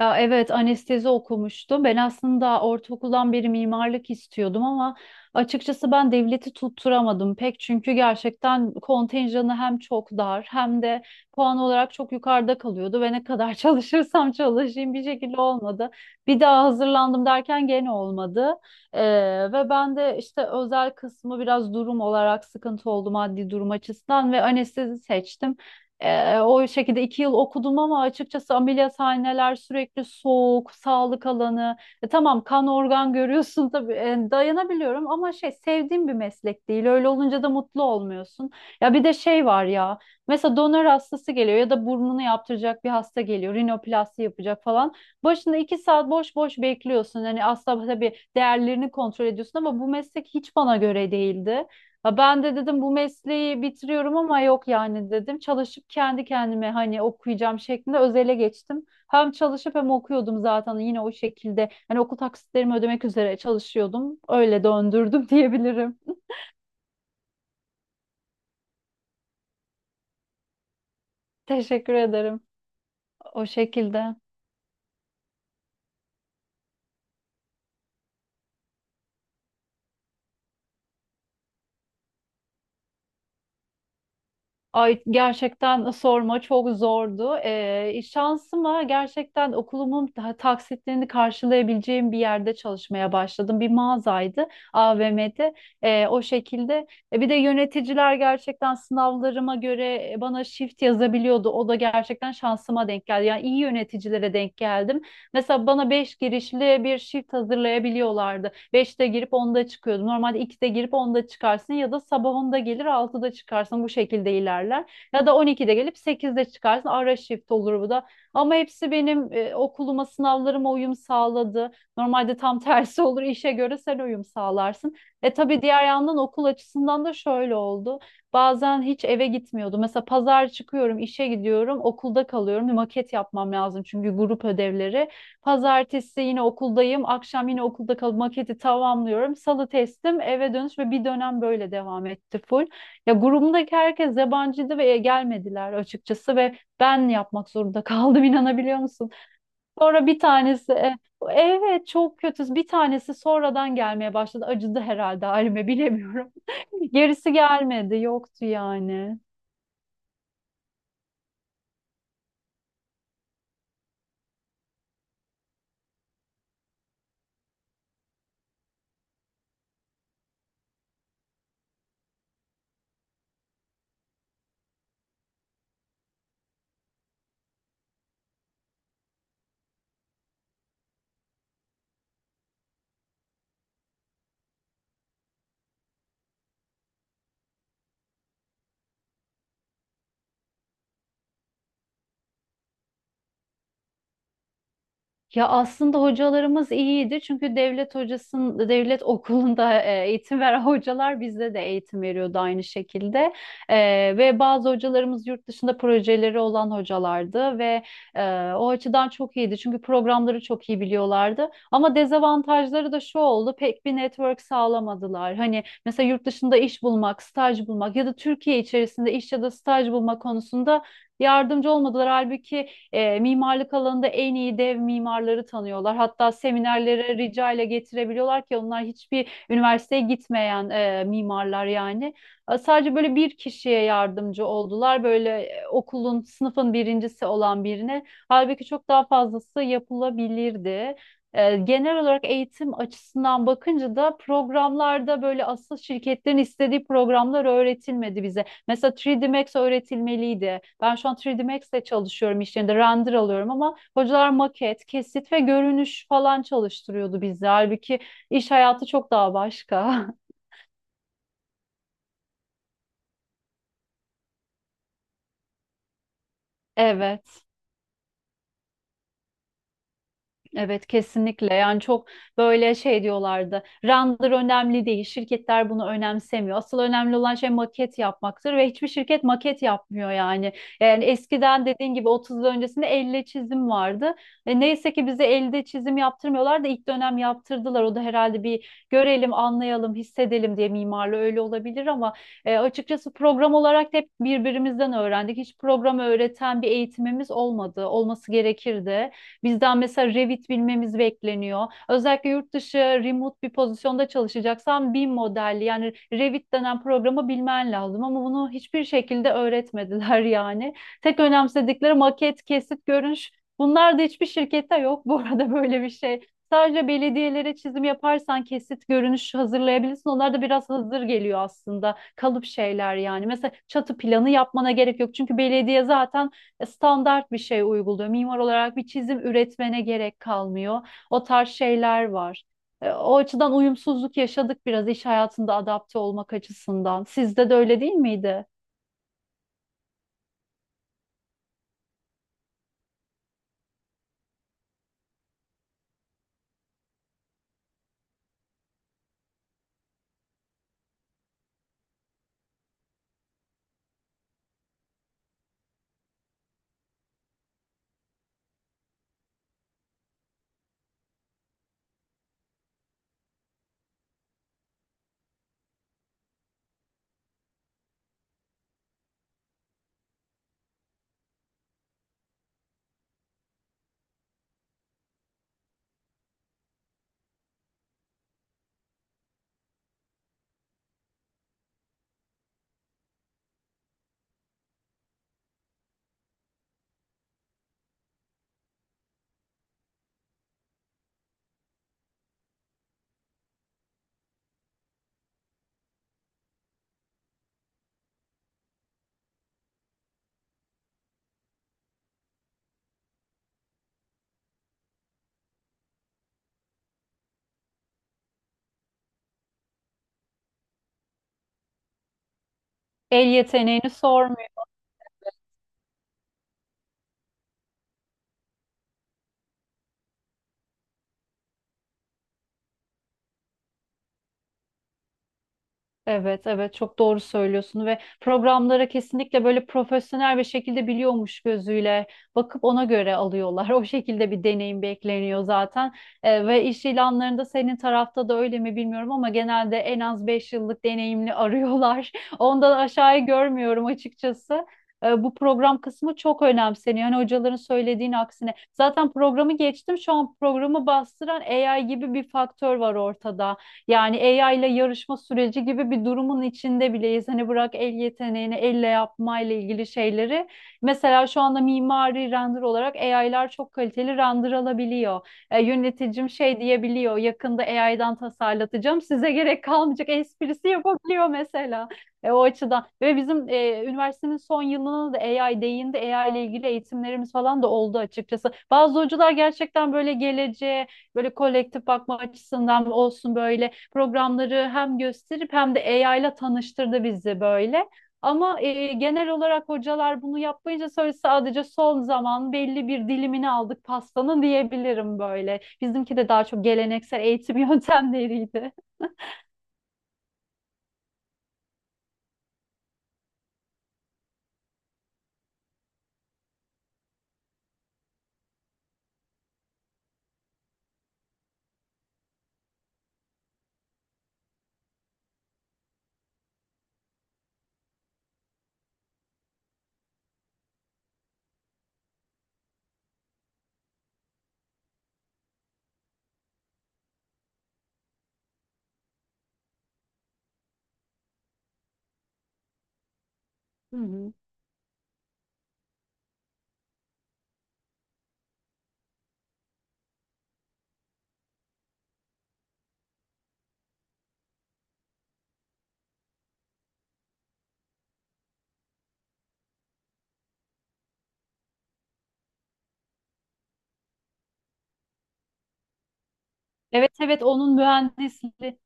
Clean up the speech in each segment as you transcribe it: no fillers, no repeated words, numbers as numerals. Ya evet anestezi okumuştum. Ben aslında ortaokuldan beri mimarlık istiyordum ama açıkçası ben devleti tutturamadım pek. Çünkü gerçekten kontenjanı hem çok dar hem de puan olarak çok yukarıda kalıyordu ve ne kadar çalışırsam çalışayım bir şekilde olmadı. Bir daha hazırlandım derken gene olmadı. Ee, ve ben de işte özel kısmı biraz durum olarak sıkıntı oldu maddi durum açısından ve anestezi seçtim. O şekilde 2 yıl okudum ama açıkçası ameliyathaneler sürekli soğuk, sağlık alanı. Tamam kan organ görüyorsun tabii dayanabiliyorum ama şey sevdiğim bir meslek değil. Öyle olunca da mutlu olmuyorsun. Ya bir de şey var ya mesela donör hastası geliyor ya da burnunu yaptıracak bir hasta geliyor. Rinoplasti yapacak falan. Başında 2 saat boş boş bekliyorsun. Hani aslında tabii değerlerini kontrol ediyorsun ama bu meslek hiç bana göre değildi. Ha ben de dedim bu mesleği bitiriyorum ama yok yani dedim. Çalışıp kendi kendime hani okuyacağım şeklinde özele geçtim. Hem çalışıp hem okuyordum zaten yine o şekilde. Hani okul taksitlerimi ödemek üzere çalışıyordum. Öyle döndürdüm diyebilirim. Teşekkür ederim. O şekilde. Ay gerçekten sorma çok zordu. Şansıma gerçekten okulumun taksitlerini karşılayabileceğim bir yerde çalışmaya başladım. Bir mağazaydı AVM'de. O şekilde. Bir de yöneticiler gerçekten sınavlarıma göre bana shift yazabiliyordu. O da gerçekten şansıma denk geldi. Yani iyi yöneticilere denk geldim. Mesela bana 5 girişli bir shift hazırlayabiliyorlardı. 5'te girip 10'da çıkıyordum. Normalde 2'de girip 10'da çıkarsın ya da sabah 10'da gelir 6'da çıkarsın bu şekilde ilerler. Ya da 12'de gelip 8'de çıkarsın ara shift olur bu da. Ama hepsi benim okuluma sınavlarıma uyum sağladı. Normalde tam tersi olur işe göre sen uyum sağlarsın. Tabii diğer yandan okul açısından da şöyle oldu. Bazen hiç eve gitmiyordum. Mesela pazar çıkıyorum, işe gidiyorum, okulda kalıyorum. Bir maket yapmam lazım çünkü grup ödevleri. Pazartesi yine okuldayım. Akşam yine okulda kalıp maketi tamamlıyorum. Salı testim, eve dönüş ve bir dönem böyle devam etti full. Ya grubumdaki herkes yabancıydı ve gelmediler açıkçası ve ben yapmak zorunda kaldım inanabiliyor musun? Sonra bir tanesi evet çok kötü. Bir tanesi sonradan gelmeye başladı. Acıdı herhalde halime bilemiyorum. Gerisi gelmedi, yoktu yani. Ya aslında hocalarımız iyiydi çünkü devlet hocasının devlet okulunda eğitim veren hocalar bizde de eğitim veriyordu aynı şekilde. E, ve bazı hocalarımız yurt dışında projeleri olan hocalardı ve o açıdan çok iyiydi çünkü programları çok iyi biliyorlardı. Ama dezavantajları da şu oldu, pek bir network sağlamadılar. Hani mesela yurt dışında iş bulmak, staj bulmak ya da Türkiye içerisinde iş ya da staj bulma konusunda yardımcı olmadılar. Halbuki mimarlık alanında en iyi dev mimarları tanıyorlar. Hatta seminerlere rica ile getirebiliyorlar ki onlar hiçbir üniversiteye gitmeyen mimarlar yani. Sadece böyle bir kişiye yardımcı oldular. Böyle okulun, sınıfın birincisi olan birine. Halbuki çok daha fazlası yapılabilirdi. Genel olarak eğitim açısından bakınca da programlarda böyle asıl şirketlerin istediği programlar öğretilmedi bize. Mesela 3D Max öğretilmeliydi. Ben şu an 3D Max'te çalışıyorum, iş yerinde render alıyorum ama hocalar maket, kesit ve görünüş falan çalıştırıyordu bizi. Halbuki iş hayatı çok daha başka. Evet. Evet, kesinlikle. Yani çok böyle şey diyorlardı, render önemli değil, şirketler bunu önemsemiyor, asıl önemli olan şey maket yapmaktır, ve hiçbir şirket maket yapmıyor Yani eskiden dediğin gibi 30 yıl öncesinde elle çizim vardı ve neyse ki bize elde çizim yaptırmıyorlar da ilk dönem yaptırdılar, o da herhalde bir görelim anlayalım hissedelim diye, mimarlı öyle olabilir ama açıkçası program olarak da hep birbirimizden öğrendik, hiç program öğreten bir eğitimimiz olmadı, olması gerekirdi. Bizden mesela Revit bilmemiz bekleniyor. Özellikle yurt dışı remote bir pozisyonda çalışacaksan BIM modelli yani Revit denen programı bilmen lazım ama bunu hiçbir şekilde öğretmediler yani. Tek önemsedikleri maket, kesit, görünüş. Bunlar da hiçbir şirkette yok bu arada, böyle bir şey. Sadece belediyelere çizim yaparsan kesit görünüş hazırlayabilirsin. Onlar da biraz hazır geliyor aslında. Kalıp şeyler yani. Mesela çatı planı yapmana gerek yok. Çünkü belediye zaten standart bir şey uyguluyor. Mimar olarak bir çizim üretmene gerek kalmıyor. O tarz şeyler var. O açıdan uyumsuzluk yaşadık biraz iş hayatında adapte olmak açısından. Sizde de öyle değil miydi? El yeteneğini sormuyor. Evet, evet, çok doğru söylüyorsun, ve programlara kesinlikle böyle profesyonel bir şekilde biliyormuş gözüyle bakıp ona göre alıyorlar. O şekilde bir deneyim bekleniyor zaten. Ve iş ilanlarında senin tarafta da öyle mi bilmiyorum ama genelde en az 5 yıllık deneyimli arıyorlar. Ondan aşağıyı görmüyorum açıkçası. Bu program kısmı çok önemseniyor. Hani hocaların söylediğin aksine. Zaten programı geçtim. Şu an programı bastıran AI gibi bir faktör var ortada. Yani AI ile yarışma süreci gibi bir durumun içinde bileyiz. Hani bırak el yeteneğini, elle yapmayla ilgili şeyleri. Mesela şu anda mimari render olarak AI'lar çok kaliteli render alabiliyor. Yöneticim şey diyebiliyor, yakında AI'dan tasarlatacağım, size gerek kalmayacak esprisi yapabiliyor mesela. O açıdan ve bizim üniversitenin son yılına da AI değindi. AI ile ilgili eğitimlerimiz falan da oldu açıkçası. Bazı hocalar gerçekten böyle geleceğe, böyle kolektif bakma açısından olsun böyle programları hem gösterip hem de AI ile tanıştırdı bizi böyle. Ama genel olarak hocalar bunu yapmayınca sonra sadece son zaman belli bir dilimini aldık pastanın diyebilirim böyle. Bizimki de daha çok geleneksel eğitim yöntemleriydi. Hı hı. Evet, evet, onun mühendisliği.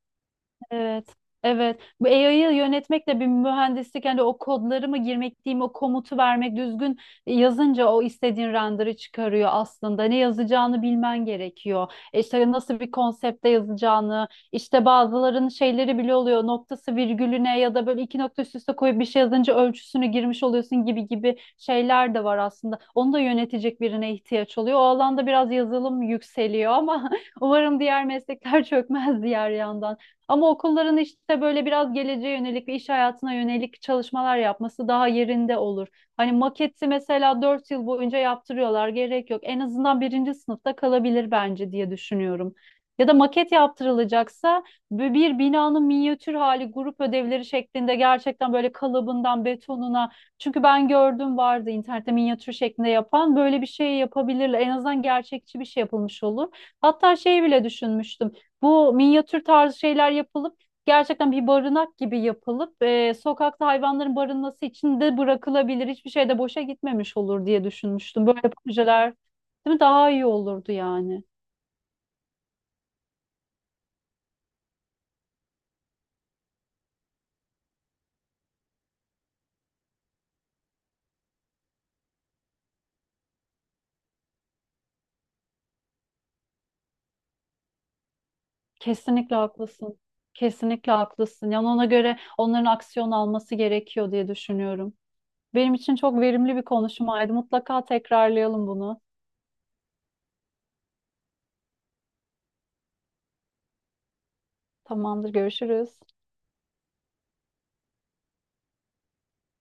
Evet. Evet. Bu AI'yı yönetmek de bir mühendislik. Yani o kodları mı girmek diyeyim, o komutu vermek düzgün yazınca o istediğin render'ı çıkarıyor aslında. Ne yazacağını bilmen gerekiyor. İşte nasıl bir konsepte yazacağını, işte bazıların şeyleri bile oluyor. Noktası virgülüne ya da böyle iki nokta üst üste koyup bir şey yazınca ölçüsünü girmiş oluyorsun gibi gibi şeyler de var aslında. Onu da yönetecek birine ihtiyaç oluyor. O alanda biraz yazılım yükseliyor ama umarım diğer meslekler çökmez diğer yandan. Ama okulların işte böyle biraz geleceğe yönelik ve iş hayatına yönelik çalışmalar yapması daha yerinde olur. Hani maketi mesela 4 yıl boyunca yaptırıyorlar, gerek yok. En azından birinci sınıfta kalabilir bence diye düşünüyorum. Ya da maket yaptırılacaksa bu bir binanın minyatür hali grup ödevleri şeklinde gerçekten böyle kalıbından betonuna, çünkü ben gördüm, vardı internette minyatür şeklinde yapan, böyle bir şey yapabilirler. En azından gerçekçi bir şey yapılmış olur. Hatta şey bile düşünmüştüm. Bu minyatür tarzı şeyler yapılıp gerçekten bir barınak gibi yapılıp sokakta hayvanların barınması için de bırakılabilir. Hiçbir şey de boşa gitmemiş olur diye düşünmüştüm. Böyle projeler, değil mi? Daha iyi olurdu yani. Kesinlikle haklısın. Kesinlikle haklısın. Yani ona göre onların aksiyon alması gerekiyor diye düşünüyorum. Benim için çok verimli bir konuşmaydı. Mutlaka tekrarlayalım bunu. Tamamdır, görüşürüz.